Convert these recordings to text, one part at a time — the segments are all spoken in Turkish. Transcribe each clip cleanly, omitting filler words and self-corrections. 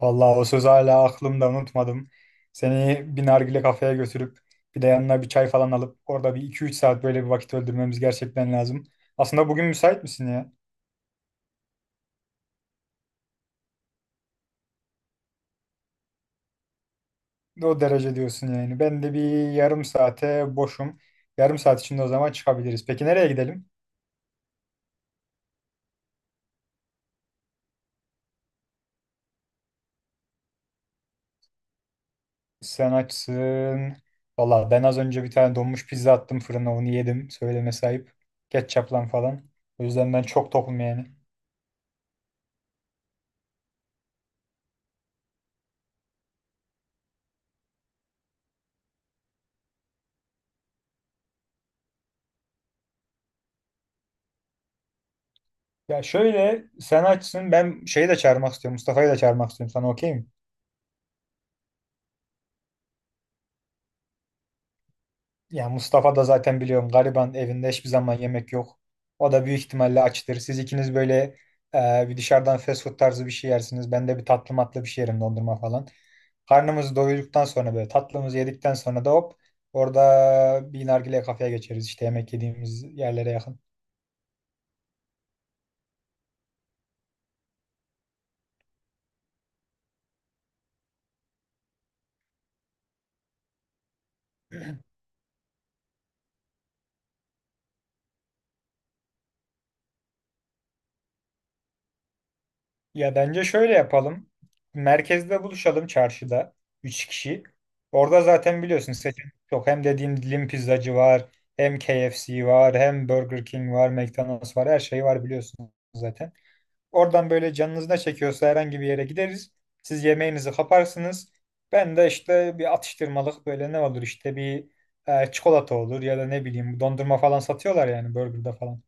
Vallahi o söz hala aklımda unutmadım. Seni bir nargile kafeye götürüp bir de yanına bir çay falan alıp orada bir iki üç saat böyle bir vakit öldürmemiz gerçekten lazım. Aslında bugün müsait misin ya? O derece diyorsun yani. Ben de bir yarım saate boşum. Yarım saat içinde o zaman çıkabiliriz. Peki nereye gidelim? Sen açsın. Vallahi ben az önce bir tane donmuş pizza attım fırına onu yedim. Söyleme sahip. Ketçaplan falan. O yüzden ben çok tokum yani. Ya şöyle sen açsın ben şeyi de çağırmak istiyorum. Mustafa'yı da çağırmak istiyorum. Sana okey mi? Ya Mustafa da zaten biliyorum gariban evinde hiçbir zaman yemek yok. O da büyük ihtimalle açtır. Siz ikiniz böyle bir dışarıdan fast food tarzı bir şey yersiniz. Ben de bir tatlı matlı bir şey yerim dondurma falan. Karnımızı doyduktan sonra böyle tatlımızı yedikten sonra da hop orada bir nargile kafeye geçeriz. İşte yemek yediğimiz yerlere yakın. Ya bence şöyle yapalım. Merkezde buluşalım çarşıda. Üç kişi. Orada zaten biliyorsun seçenek çok. Hem dediğim dilim pizzacı var. Hem KFC var. Hem Burger King var. McDonald's var. Her şey var biliyorsun zaten. Oradan böyle canınız ne çekiyorsa herhangi bir yere gideriz. Siz yemeğinizi kaparsınız. Ben de işte bir atıştırmalık böyle ne olur işte bir çikolata olur ya da ne bileyim dondurma falan satıyorlar yani burgerda falan.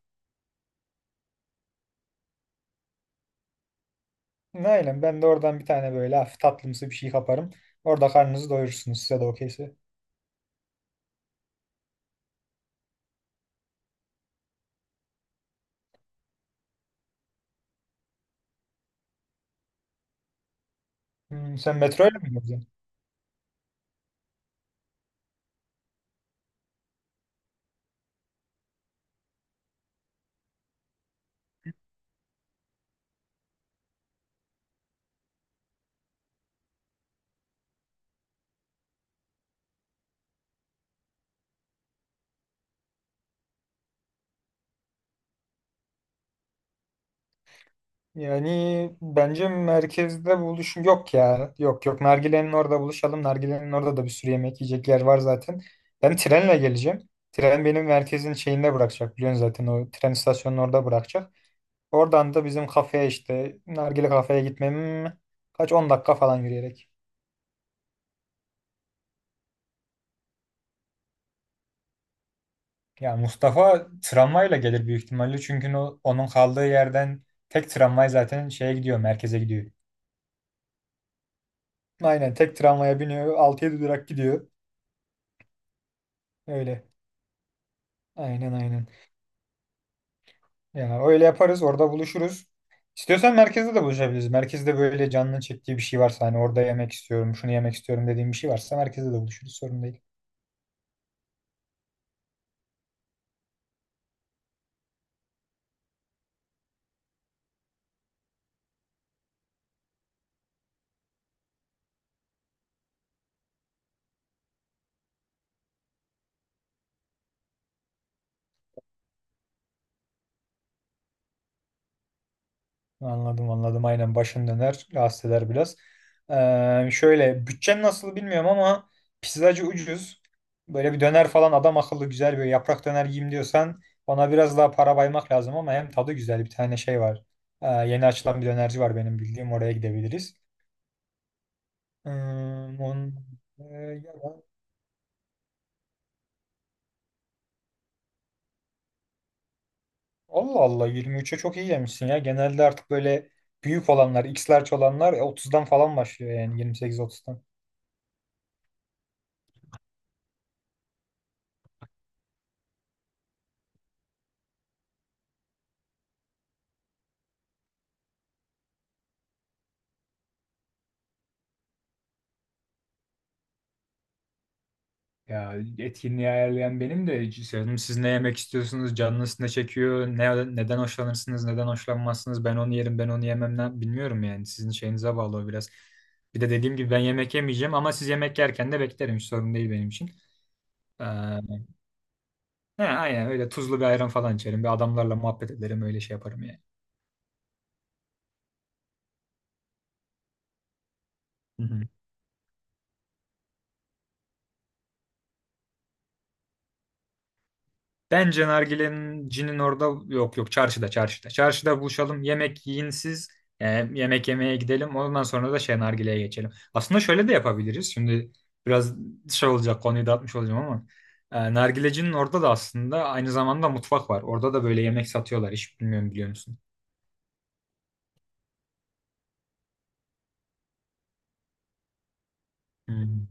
Aynen ben de oradan bir tane böyle hafif tatlımsı bir şey kaparım. Orada karnınızı doyurursunuz size de okeyse. Hmm, sen metroyla mı gidiyorsun? Yani bence merkezde buluşun yok ya. Yok yok, Nargile'nin orada buluşalım. Nargile'nin orada da bir sürü yemek yiyecek yer var zaten. Ben trenle geleceğim. Tren benim merkezin şeyinde bırakacak biliyorsun zaten, o tren istasyonunun orada bırakacak. Oradan da bizim kafeye işte Nargile kafeye gitmem kaç 10 dakika falan yürüyerek. Ya Mustafa tramvayla gelir büyük ihtimalle çünkü onun kaldığı yerden tek tramvay zaten şeye gidiyor, merkeze gidiyor. Aynen tek tramvaya biniyor, 6 yedi durak gidiyor. Öyle. Aynen aynen. Ya öyle yaparız, orada buluşuruz. İstiyorsan merkezde de buluşabiliriz. Merkezde böyle canının çektiği bir şey varsa, hani orada yemek istiyorum, şunu yemek istiyorum dediğim bir şey varsa merkezde de buluşuruz, sorun değil. Anladım anladım aynen, başın döner rahatsız eder biraz. Şöyle bütçen nasıl bilmiyorum ama pizzacı ucuz. Böyle bir döner falan adam akıllı güzel böyle yaprak döner yiyeyim diyorsan ona biraz daha para baymak lazım ama hem tadı güzel bir tane şey var. Yeni açılan bir dönerci var benim bildiğim, oraya gidebiliriz. Ee, on, e, ya da- Allah Allah, 23'e çok iyi yemişsin ya. Genelde artık böyle büyük olanlar, X large olanlar 30'dan falan başlıyor yani 28-30'dan. Ya etkinliği ayarlayan benim de canım, siz ne yemek istiyorsunuz, canınız ne çekiyor, ne, neden hoşlanırsınız, neden hoşlanmazsınız, ben onu yerim, ben onu yemem ne, bilmiyorum yani sizin şeyinize bağlı o biraz. Bir de dediğim gibi ben yemek yemeyeceğim ama siz yemek yerken de beklerim, hiç sorun değil benim için. Ee, he, aynen öyle, tuzlu bir ayran falan içerim, bir adamlarla muhabbet ederim, öyle şey yaparım yani. Hı hı. Bence nargilencinin orada yok yok, çarşıda çarşıda. Çarşıda buluşalım, yemek yiyin siz, e, yemek yemeye gidelim, ondan sonra da şey, nargileye geçelim. Aslında şöyle de yapabiliriz şimdi, biraz şey olacak konuyu dağıtmış olacağım ama nargilecinin orada da aslında aynı zamanda mutfak var. Orada da böyle yemek satıyorlar, hiç bilmiyorum biliyor musun? Hmm.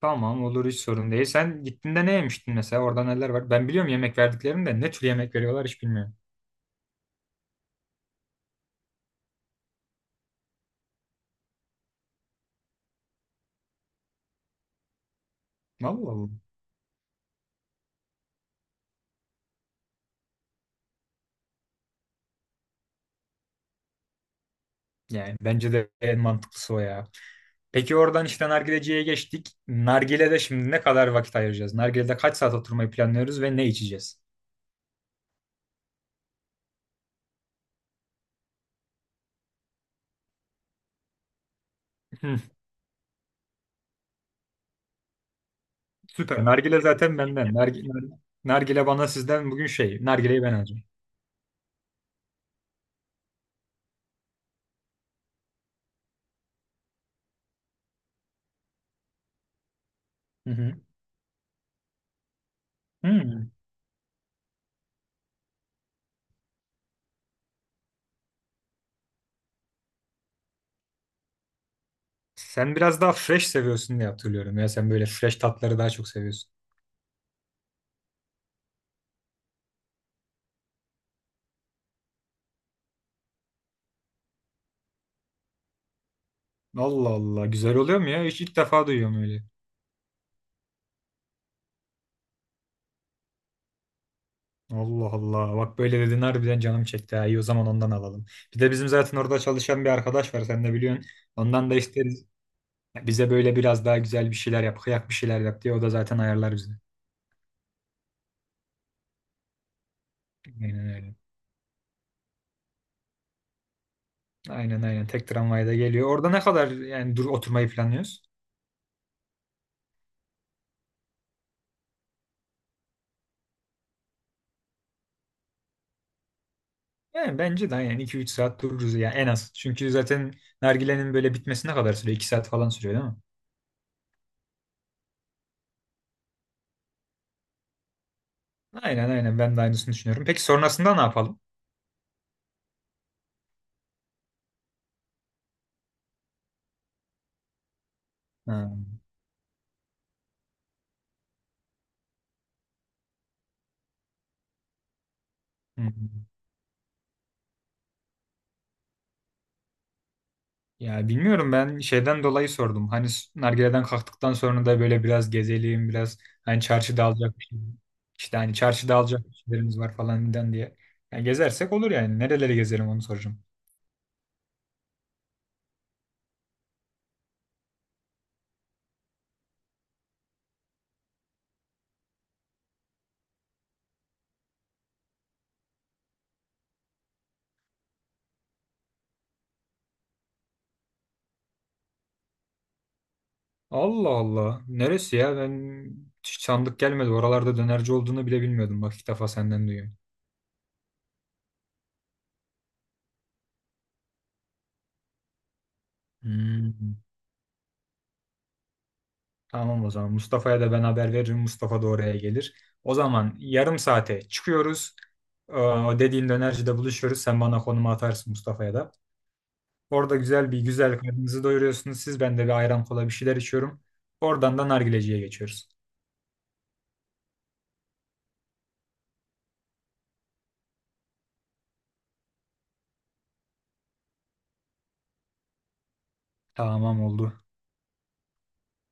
Tamam olur, hiç sorun değil. Sen gittiğinde ne yemiştin mesela, orada neler var? Ben biliyorum yemek verdiklerini de, ne tür yemek veriyorlar hiç bilmiyorum. Vallahi bu. Yani bence de en mantıklısı o ya. Peki oradan işte nargileciye geçtik. Nargile'de şimdi ne kadar vakit ayıracağız? Nargile'de kaç saat oturmayı planlıyoruz ve ne içeceğiz? Hı, süper. Nargile zaten benden. Nargile, nargile bana sizden bugün şey. Nargileyi ben alacağım. Hı hı. Hı. Sen biraz daha fresh seviyorsun diye hatırlıyorum ya. Sen böyle fresh tatları daha çok seviyorsun. Allah Allah. Güzel oluyor mu ya? Hiç ilk defa duyuyorum öyle. Allah Allah. Bak böyle dedin harbiden canım çekti. Ha. İyi o zaman ondan alalım. Bir de bizim zaten orada çalışan bir arkadaş var. Sen de biliyorsun. Ondan da isteriz. Bize böyle biraz daha güzel bir şeyler yap, kıyak bir şeyler yap diye o da zaten ayarlar bizi. Aynen öyle. Aynen aynen. Tek tramvayda geliyor. Orada ne kadar yani dur oturmayı planlıyoruz? Yani bence de aynen iki üç saat dururuz ya en az. Çünkü zaten nargilenin böyle bitmesine kadar sürüyor? İki saat falan sürüyor değil mi? Aynen aynen ben de aynısını düşünüyorum. Peki sonrasında ne yapalım? Ha. Hı. Ya bilmiyorum, ben şeyden dolayı sordum. Hani s- nargileden kalktıktan sonra da böyle biraz gezelim, biraz hani çarşıda alacak bir şey. İşte hani çarşıda alacak bir şeylerimiz var falan filan diye. Yani gezersek olur yani. Nereleri gezelim onu soracağım. Allah Allah. Neresi ya? Ben hiç sandık gelmedi. Oralarda dönerci olduğunu bile bilmiyordum. Bak ilk defa senden duyuyorum. Hmm. Tamam o zaman. Mustafa'ya da ben haber veririm. Mustafa da oraya gelir. O zaman yarım saate çıkıyoruz. O dediğin dönercide buluşuyoruz. Sen bana konumu atarsın, Mustafa'ya da. Orada güzel bir güzel karnınızı doyuruyorsunuz siz. Ben de bir ayran kola bir şeyler içiyorum. Oradan da nargileciye geçiyoruz. Tamam oldu.